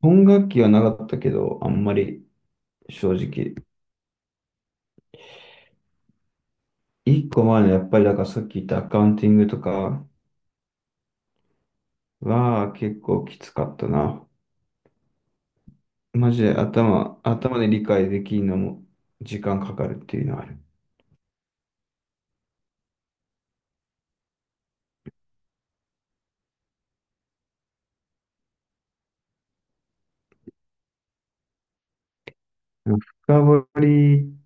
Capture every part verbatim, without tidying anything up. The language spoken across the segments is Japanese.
本楽器はなかったけど、あんまり正直。一個前のやっぱりだからさっき言ったアカウンティングとかは結構きつかったな。マジで頭、頭で理解できるのも時間かかるっていうのはある。深掘りっ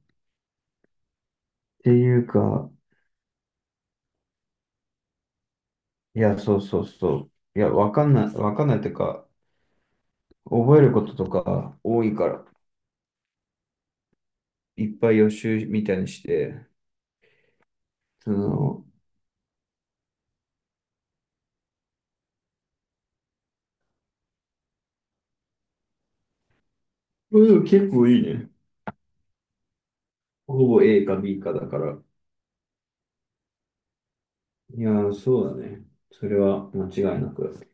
ていうか、いや、そうそうそう。いや、わかんない、わかんないっていうか、覚えることとか多いから、いっぱい予習みたいにして、その、うん結構いいね。ほぼ A か ビー かだから。いやー、そうだね。それは間違いなく。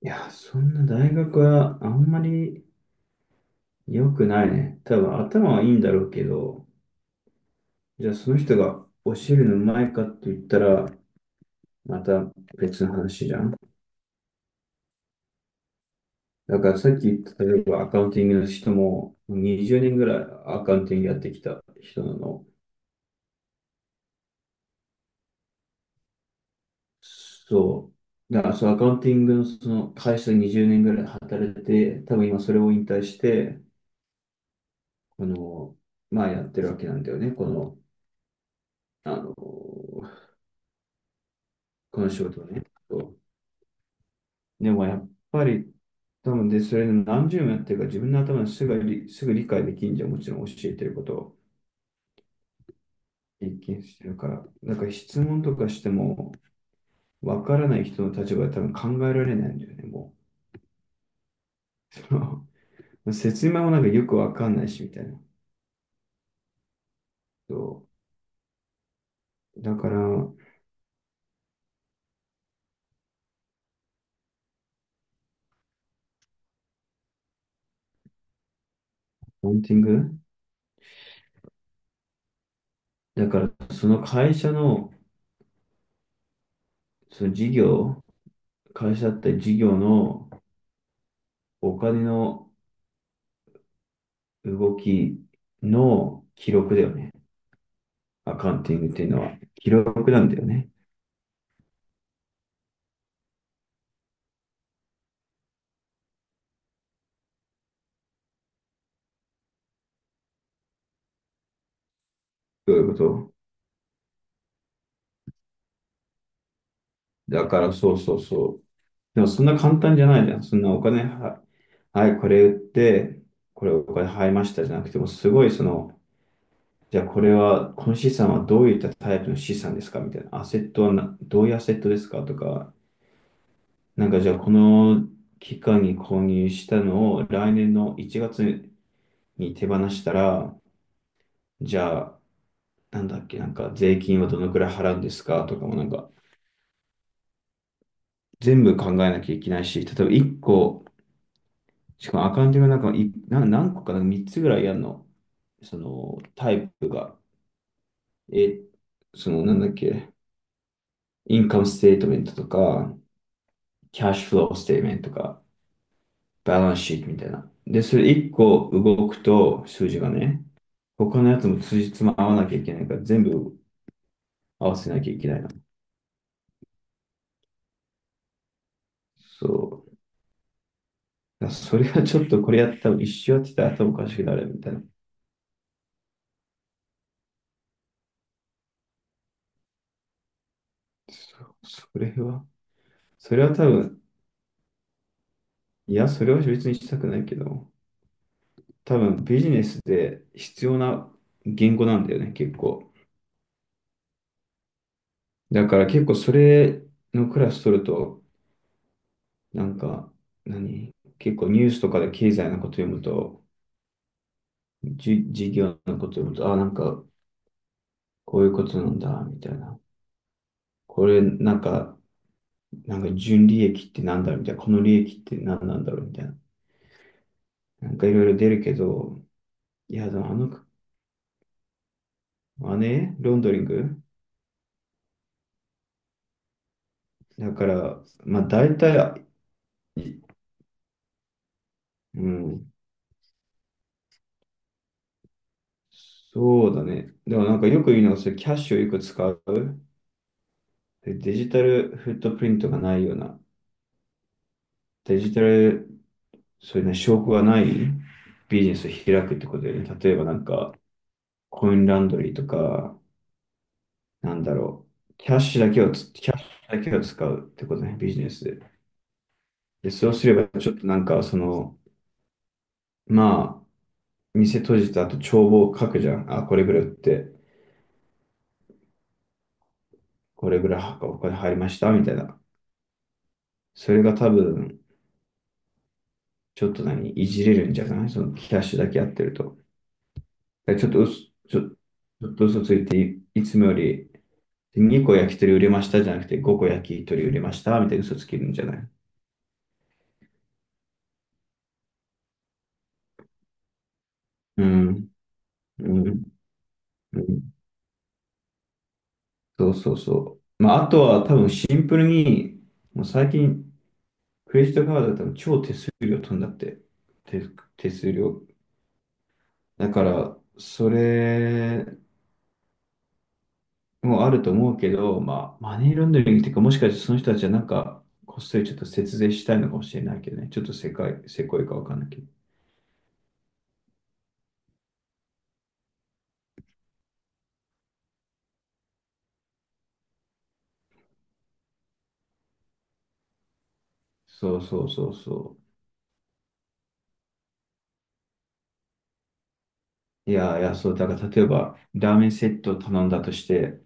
いやー、そんな大学はあんまり良くないね。多分頭はいいんだろうけど、じゃあその人が教えるのうまいかって言ったら、また別の話じゃん。だからさっき言った例えばアカウンティングの人もにじゅうねんぐらいアカウンティングやってきた人なの。そう。だからそう、アカウンティングのその会社でにじゅうねんぐらい働いて、多分今それを引退して、この、まあやってるわけなんだよね、この、あの、この仕事をね。でもやっぱり、多分で、それで何十年やってるか自分の頭ですぐ理、すぐ理解できんじゃん、もちろん教えてることを一見してるから。だから質問とかしても、わからない人の立場で多分考えられないんだよね、もう。説明もなんかよくわかんないし、みたいな。そう。だから、ポンティングだから、その会社の、その事業、会社って事業のお金の動きの記録だよね。アカウンティングっていうのは。記録なんだよね。どういうことだからそうそうそう。でもそんな簡単じゃないじゃん。そんなお金は、はい、これ売って、これお金入りましたじゃなくても、すごいその、じゃあこれは、この資産はどういったタイプの資産ですかみたいな。アセットはな、どういうアセットですかとか、なんかじゃあこの期間に購入したのを来年のいちがつに手放したら、じゃあなんだっけ、なんか税金はどのくらい払うんですかとかもなんか全部考えなきゃいけないし、例えばいっこ、しかもアカウントがなんかいな何個かなみっつぐらいやるの、そのタイプが、え、そのなんだっけ、インカムステートメントとか、キャッシュフローステートメントとか、バランスシートみたいな。で、それいっこ動くと数字がね、他のやつもつじつま合わなきゃいけないから、全部合わせなきゃいけないの。そう。あそれはちょっとこれやったら一周やってたら頭おかしくなるみたいな。そ、それは、それは多分、いや、それは別にしたくないけど、多分ビジネスで必要な言語なんだよね、結構。だから結構それのクラス取ると、なんか、何結構ニュースとかで経済のこと読むと、じ、事業のこと読むと、あ、なんか、こういうことなんだ、みたいな。これ、なんか、なんか純利益ってなんだ、みたいな。この利益って何なんだろう、みたいな。なんかいろいろ出るけど、いや、でもあの、あれロンドリングだから、まあ大体、いうん、そうだね。でもなんかよく言うのが、それキャッシュをよく使う。でデジタルフットプリントがないような、デジタル、そういうね、証拠がないビジネスを開くってことで、ね、例えばなんか、コインランドリーとか、なんだろう、キャッシュだけをつ、キャッシュだけを使うってことね、ビジネスで。で、そうすれば、ちょっとなんか、その、まあ、店閉じた後帳簿を書くじゃん。あ、これぐらい売って、これぐらいはお金入りました、みたいな。それが多分、ちょっと何、いじれるんじゃないそのキャッシュだけやってると。ちょっと嘘、ちょ、ちょっと嘘ついてい、いつもよりにこ焼き鳥売れましたじゃなくてごこ焼き鳥売れました、みたいな嘘つけるんじゃないうん、うん、うん。そうそうそう。まあ、あとは多分シンプルに、もう最近、クレジットカードだったら超手数料飛んだって。手、手数料だから、それもあると思うけど、まあ、マネーロンダリングっていうか、もしかしてその人たちはなんか、こっそりちょっと節税したいのかもしれないけどね。ちょっとせかい、せこいかわかんないけど。そうそうそうそう。いや、いや、そう、だから例えば、ラーメンセットを頼んだとして、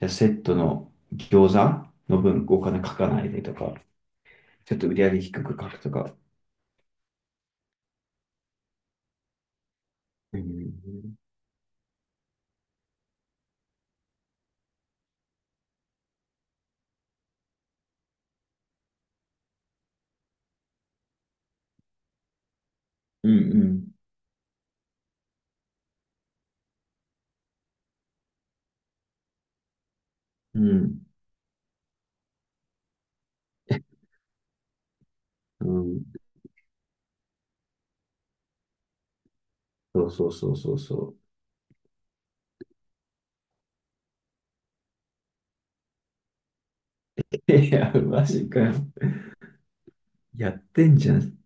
じゃセットの餃子の分お金書かないでとか、ちょっと売り上げ低く書くとか。うん、うん、うん、うん。そうそうそうそうそう。いや、マジかよ。やってんじゃん。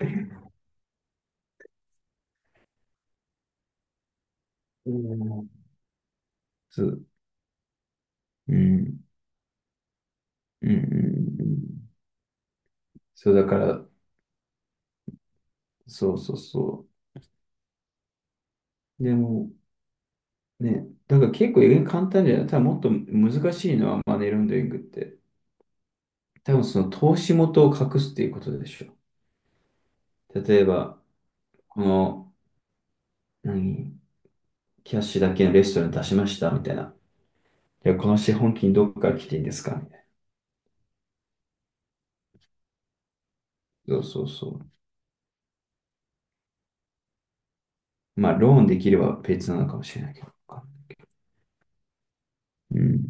うんそう、うん、うん、うん、うんそう、だから、そうそうそう。でも、ね、だから結構簡単じゃない。ただもっと難しいのはマネーロンダリングって。多分その投資元を隠すっていうことでしょ。例えば、この、何、キャッシュだけのレストラン出しましたみたいな。いや、この資本金どっから来ていいんですかみたいな。そうそうそう。まあ、ローンできれば別なのかもしれないけど。うん。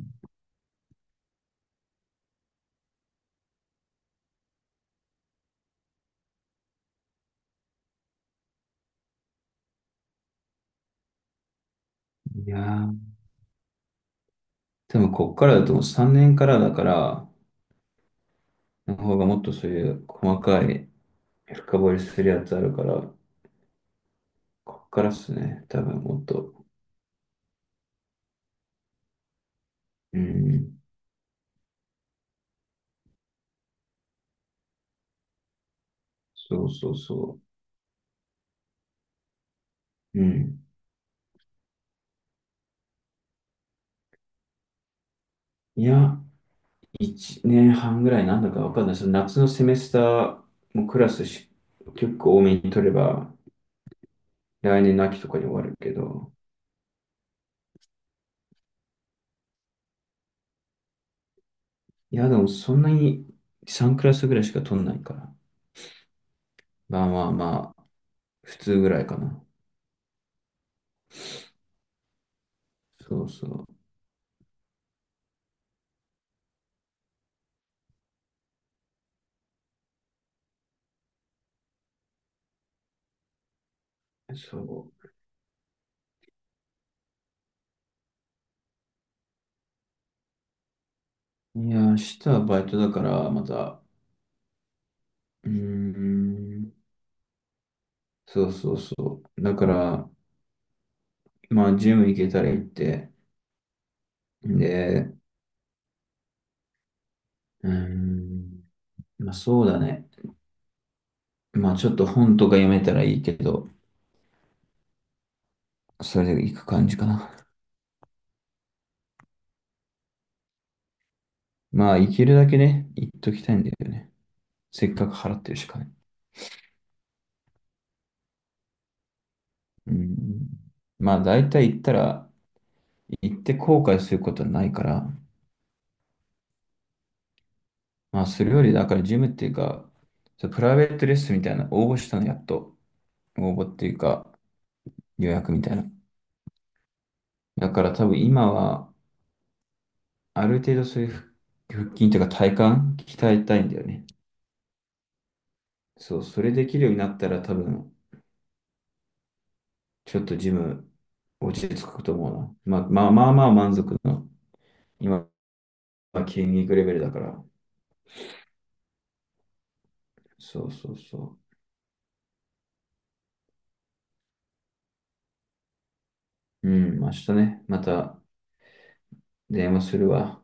いやー、多分こっからだともうさんねんからだから、の方がもっとそういう細かい深掘りするやつあるから、こっからっすね。多分もっと。うん。そうそうそう。うん。いや、いちねんはんぐらいなんだかわかんない。その夏のセメスターもクラスし、結構多めに取れば、来年の秋とかに終わるけど。いや、でもそんなにさんクラスぐらいしか取んないから。まあまあまあ、普通ぐらいかな。そうそう。そう。いや、明日はバイトだから、また。うーん。そうそうそう。だから、まあ、ジム行けたら行って、で、うーん。まあ、そうだね。まあ、ちょっと本とか読めたらいいけど、それで行く感じかな。まあ、行けるだけね、行っときたいんだよね。せっかく払ってるしかね。うん。まあ、大体行ったら、行って後悔することはないから、まあ、それより、だから、ジムっていうか、そうプライベートレッスンみたいな、応募したの、やっと。応募っていうか、予約みたいな。だから多分今は、ある程度そういう腹腹筋というか体幹鍛えたいんだよね。そう、それできるようになったら多分、ちょっとジム落ち着くと思うな。まあ、まあまあまあ満足の、今は筋肉レベルだから。そうそうそう。うん、明日ね、また電話するわ。